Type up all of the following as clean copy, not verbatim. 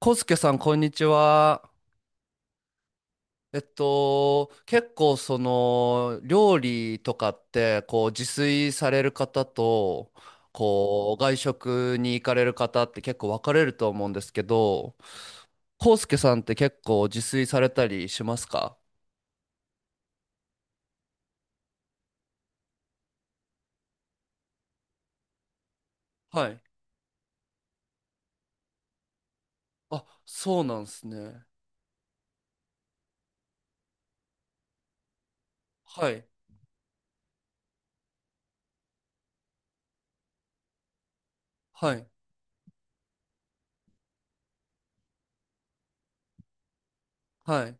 コスケさん、こんにちは。結構その料理とかってこう自炊される方とこう外食に行かれる方って結構分かれると思うんですけど、コスケさんって結構自炊されたりしますか？はい。あ、そうなんですね。はい。はい。はい。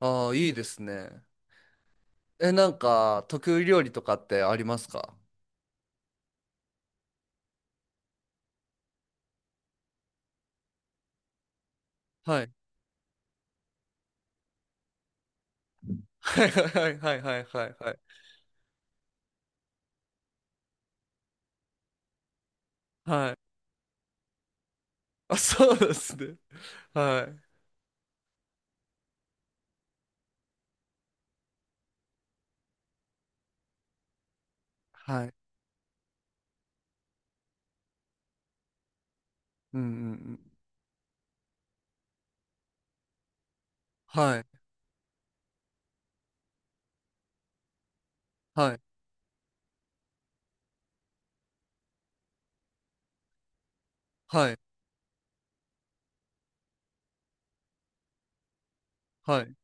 ああ、いいですね。え、なんか得意料理とかってありますか？はい。はいはいはいはいはいはい。あ、そうなんですね。はい。はい。うんうんうん。はい。はい。はい。はい。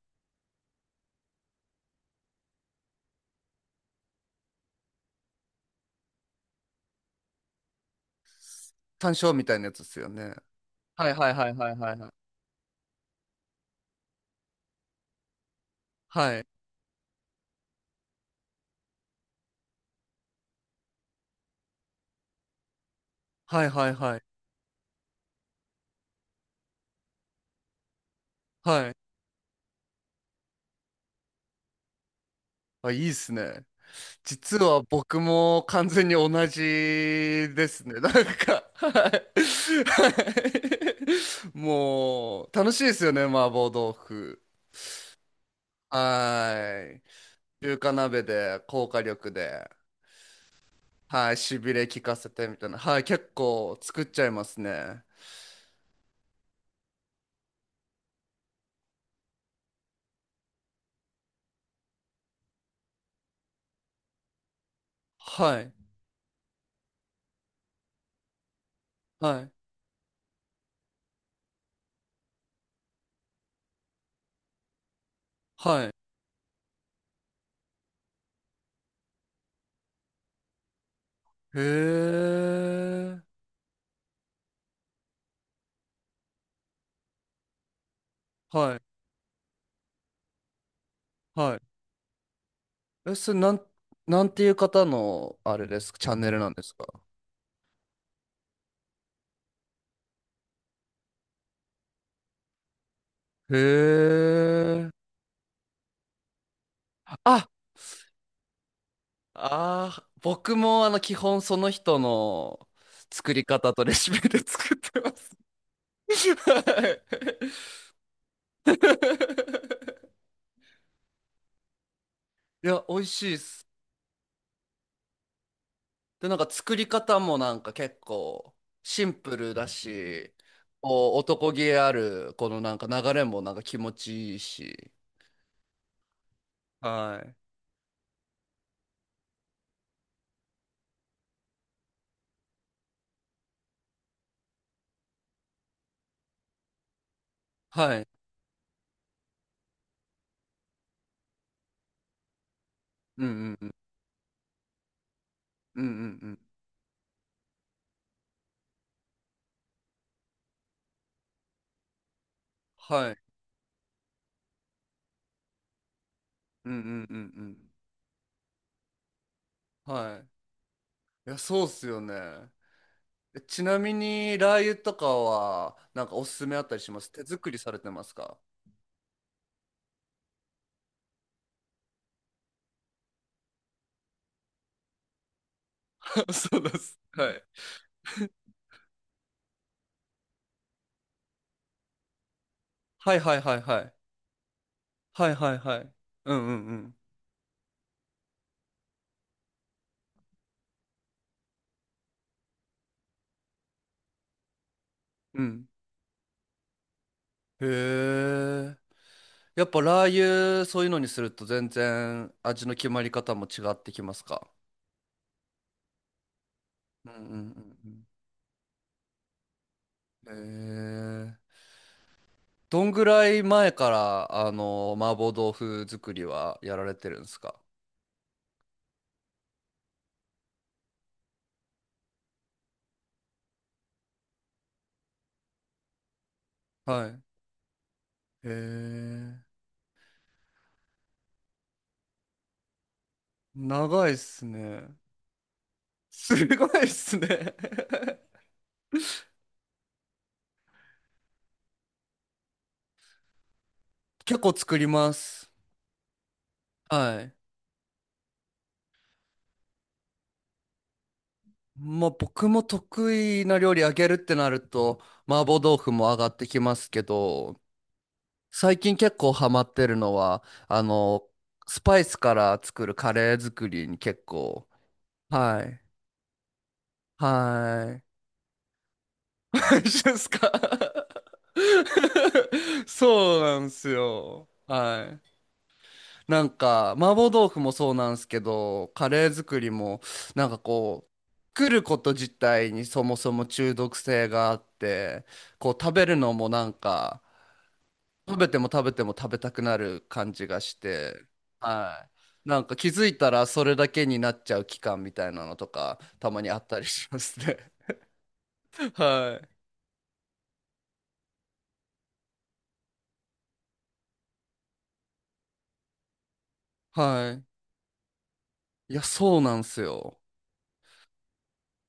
単勝みたいなやつですよね。はいはいはいはいはいはい。はいはいはいはいはい。あ、いいっすね。実は僕も完全に同じですね。なんか、はい。はい、もう楽しいですよね、麻婆豆腐。はい。中華鍋で、高火力で。はい、しびれ聞かせてみたいな。はい、結構作っちゃいますね。はい、はい、はい。へえ、はい、はい。え、それなん、なんていう方の、あれですか、チャンネルなんですか？へえ。あ、あ、僕もあの、基本その人の作り方とレシピで作ってます。はい いや、美味しいっす。で、なんか作り方もなんか結構シンプルだし、こう男気あるこのなんか流れもなんか気持ちいいし。はい。はい。うんうんうん。うんうんうん。はい。うんうんうんうん。はい。いや、そうっすよね。ちなみに、ラー油とかは、なんかおすすめあったりします手作りされてますか？ そうです。はい。はいはいはいはい。はいはいはい。うんうんうん。うん。へえ。やっぱラー油、そういうのにすると全然味の決まり方も違ってきますか？うんうんうんうん。へえー。どんぐらい前から、麻婆豆腐作りはやられてるんですか？はい。へえー。長いっすね。すごいっすね。 結構作ります。はい。まあ僕も得意な料理あげるってなると、麻婆豆腐も上がってきますけど、最近結構ハマってるのは、あの、スパイスから作るカレー作りに結構、はい、はい。一緒ですか？ そうなんですよ。はい。なんか、麻婆豆腐もそうなんですけど、カレー作りも、なんかこう、作ること自体にそもそも中毒性があって、こう食べるのもなんか、食べても食べても食べたくなる感じがして、はい。なんか気づいたらそれだけになっちゃう期間みたいなのとか、たまにあったりしますね。はい。はい。いや、そうなんですよ。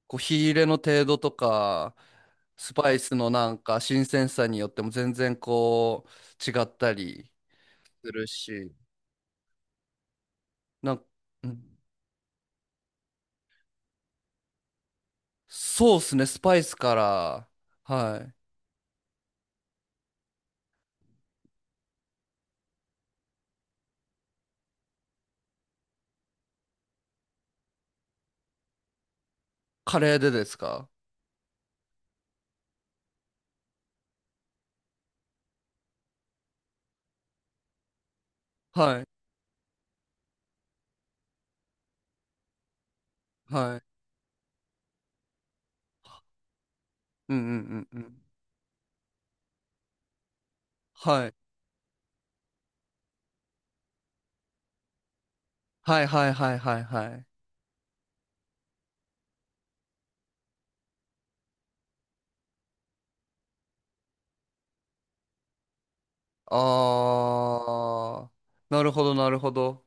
こう、火入れの程度とか、スパイスのなんか新鮮さによっても全然こう、違ったりするし、なんうん、そうですね、スパイスから、はい。カレーでですか？はい。はい。うんうんうんうん。はい。はいはいはいはいはい。あー、なるほどなるほど。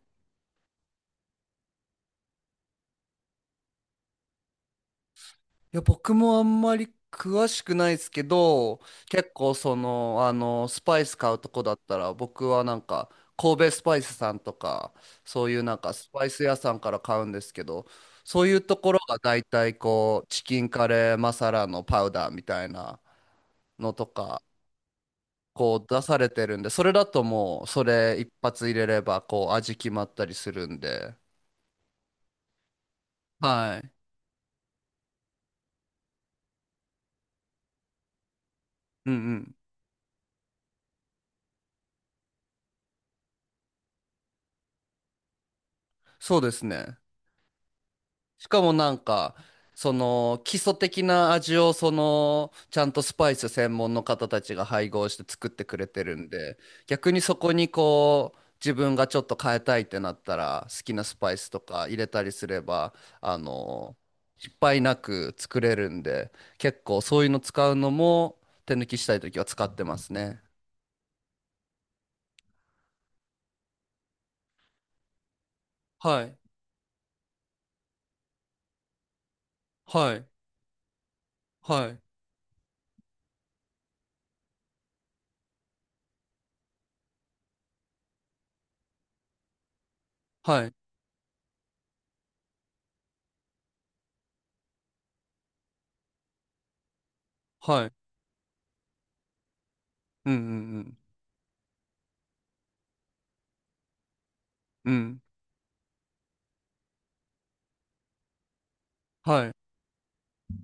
いや、僕もあんまり詳しくないですけど、結構スパイス買うとこだったら、僕はなんか、神戸スパイスさんとか、そういうなんかスパイス屋さんから買うんですけど、そういうところが大体こう、チキンカレーマサラのパウダーみたいなのとか、こう出されてるんで、それだともう、それ一発入れれば、こう、味決まったりするんで。はい。うんうん。そうですね。しかもなんか、その基礎的な味を、そのちゃんとスパイス専門の方たちが配合して作ってくれてるんで、逆にそこにこう自分がちょっと変えたいってなったら好きなスパイスとか入れたりすれば、あの、失敗なく作れるんで、結構そういうの使うのも手抜きしたい時は使ってますね。はい。はい。はい。はい。はい。うんうんうん。うん。はい。